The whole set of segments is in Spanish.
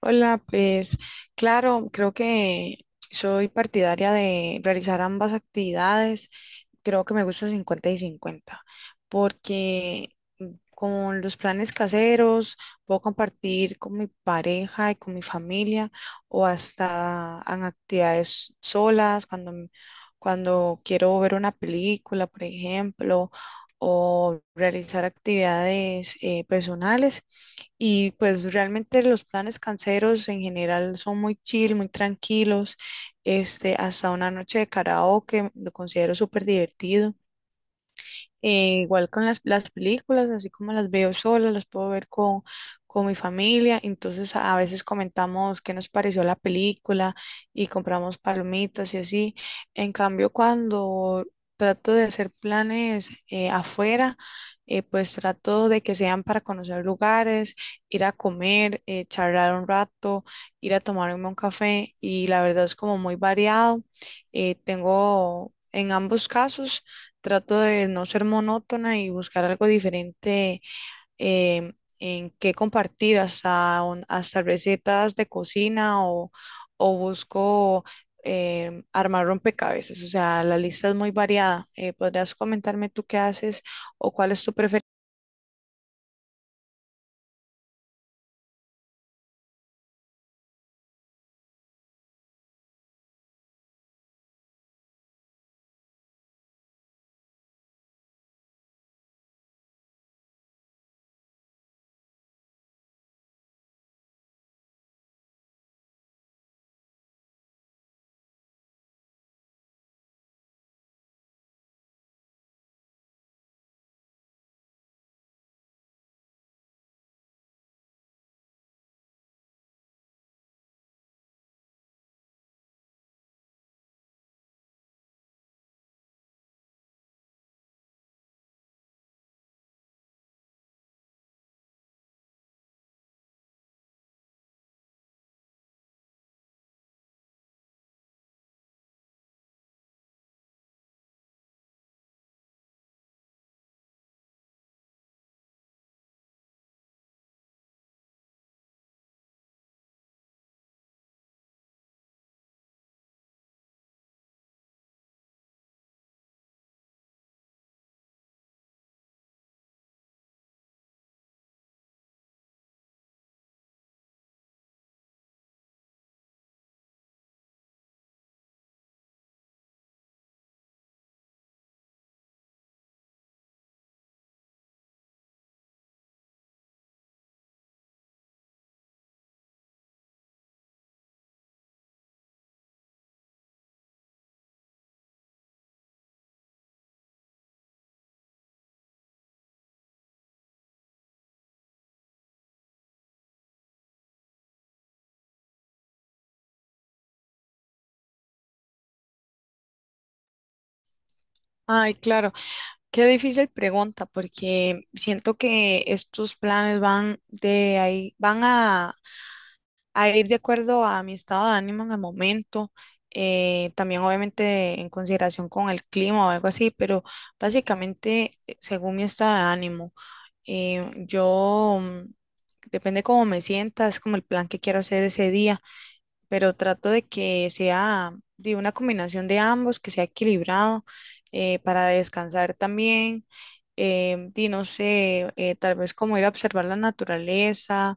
Hola, pues claro, creo que soy partidaria de realizar ambas actividades. Creo que me gusta 50 y 50, porque con los planes caseros puedo compartir con mi pareja y con mi familia o hasta en actividades solas, cuando, cuando quiero ver una película, por ejemplo, o realizar actividades personales. Y pues realmente los planes canceros en general son muy chill, muy tranquilos. Hasta una noche de karaoke lo considero súper divertido. Igual con las películas, así como las veo sola, las puedo ver con mi familia. Entonces a veces comentamos qué nos pareció la película y compramos palomitas y así. En cambio, cuando trato de hacer planes afuera, pues trato de que sean para conocer lugares, ir a comer, charlar un rato, ir a tomarme un café y la verdad es como muy variado. Tengo en ambos casos. Trato de no ser monótona y buscar algo diferente, em, en qué compartir, hasta, hasta recetas de cocina, o busco armar rompecabezas. O sea, la lista es muy variada. ¿Podrías comentarme tú qué haces o cuál es tu preferencia? Ay, claro, qué difícil pregunta, porque siento que estos planes van de ahí, van a ir de acuerdo a mi estado de ánimo en el momento, también obviamente en consideración con el clima o algo así, pero básicamente según mi estado de ánimo, yo, depende cómo me sienta, es como el plan que quiero hacer ese día, pero trato de que sea de una combinación de ambos, que sea equilibrado para descansar también. No sé, tal vez como ir a observar la naturaleza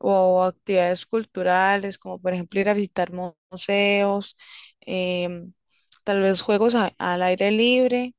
o actividades culturales, como por ejemplo ir a visitar museos, em, tal vez juegos al aire libre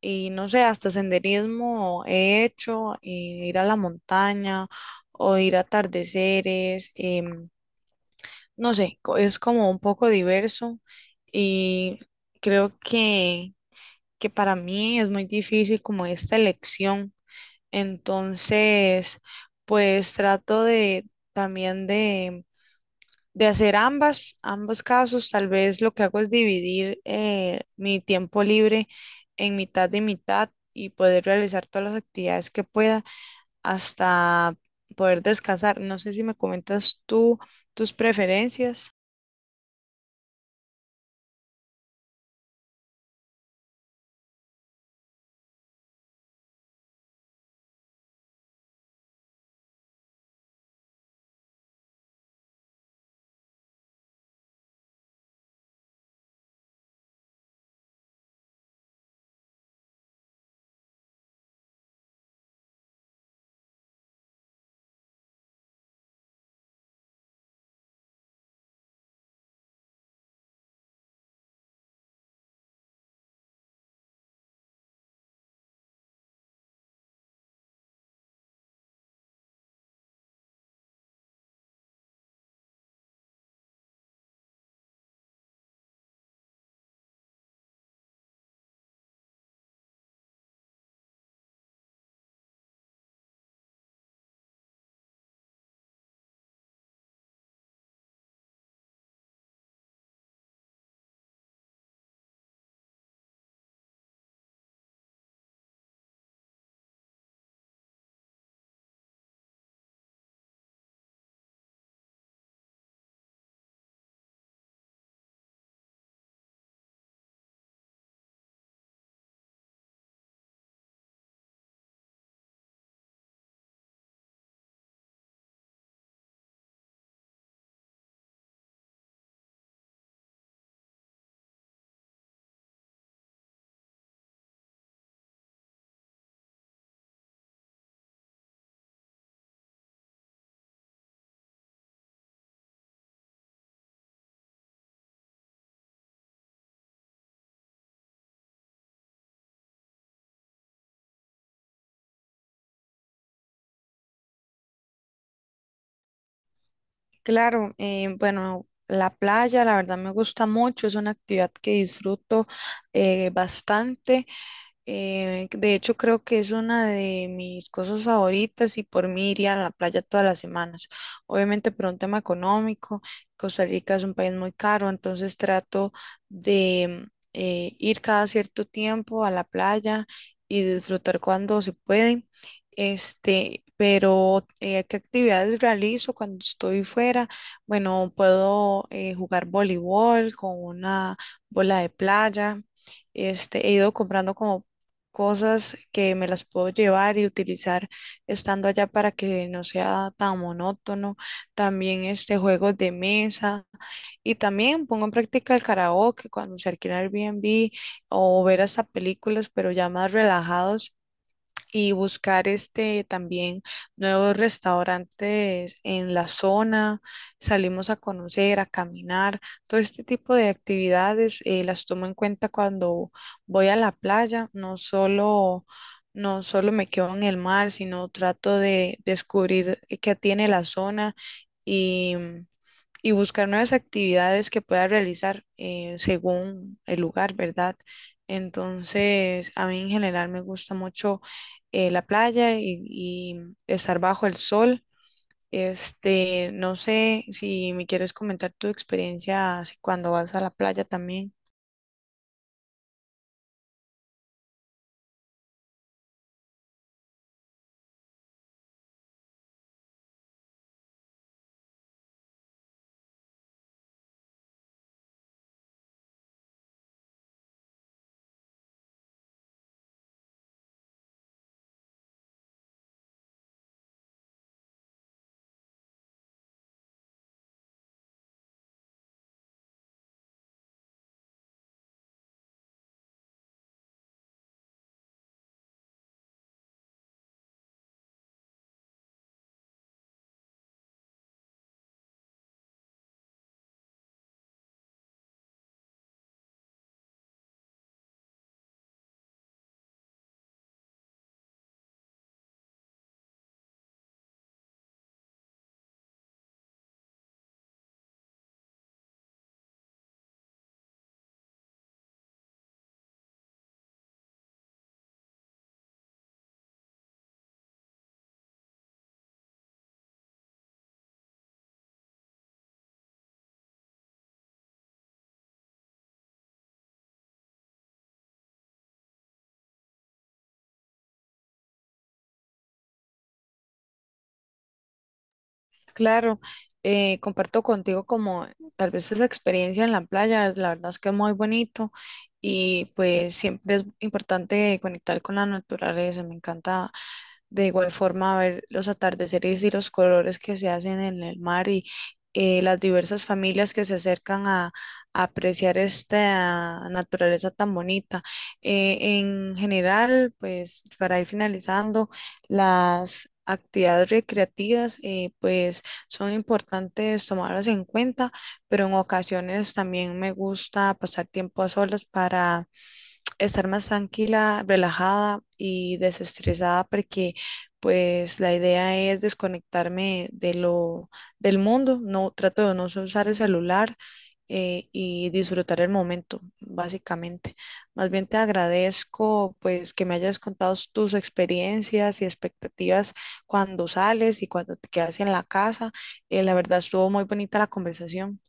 y no sé, hasta senderismo he hecho, ir a la montaña o ir a atardeceres. No sé, es como un poco diverso y creo que para mí es muy difícil como esta elección. Entonces, pues trato de también de hacer ambas, ambos casos. Tal vez lo que hago es dividir mi tiempo libre en mitad de mitad y poder realizar todas las actividades que pueda hasta poder descansar. No sé si me comentas tú tus preferencias. Claro, bueno, la playa la verdad me gusta mucho, es una actividad que disfruto bastante. De hecho, creo que es una de mis cosas favoritas y por mí iría a la playa todas las semanas. Obviamente por un tema económico, Costa Rica es un país muy caro, entonces trato de ir cada cierto tiempo a la playa y disfrutar cuando se puede. Pero ¿qué actividades realizo cuando estoy fuera? Bueno, puedo jugar voleibol con una bola de playa. He ido comprando como cosas que me las puedo llevar y utilizar estando allá para que no sea tan monótono. También juegos de mesa, y también pongo en práctica el karaoke cuando se alquila Airbnb o ver hasta películas, pero ya más relajados y buscar también nuevos restaurantes en la zona, salimos a conocer, a caminar, todo este tipo de actividades las tomo en cuenta cuando voy a la playa, no solo no solo me quedo en el mar, sino trato de descubrir qué tiene la zona y buscar nuevas actividades que pueda realizar según el lugar, ¿verdad? Entonces, a mí en general me gusta mucho la playa y estar bajo el sol. No sé si me quieres comentar tu experiencia así cuando vas a la playa también. Claro, comparto contigo como tal vez esa experiencia en la playa, la verdad es que es muy bonito y pues siempre es importante conectar con la naturaleza. Me encanta. De igual forma, ver los atardeceres y los colores que se hacen en el mar y las diversas familias que se acercan a apreciar esta naturaleza tan bonita. En general, pues para ir finalizando, las actividades recreativas, pues son importantes tomarlas en cuenta, pero en ocasiones también me gusta pasar tiempo a solas para estar más tranquila, relajada y desestresada porque pues la idea es desconectarme de lo del mundo, no trato de no usar el celular y disfrutar el momento, básicamente. Más bien te agradezco pues que me hayas contado tus experiencias y expectativas cuando sales y cuando te quedas en la casa. La verdad estuvo muy bonita la conversación.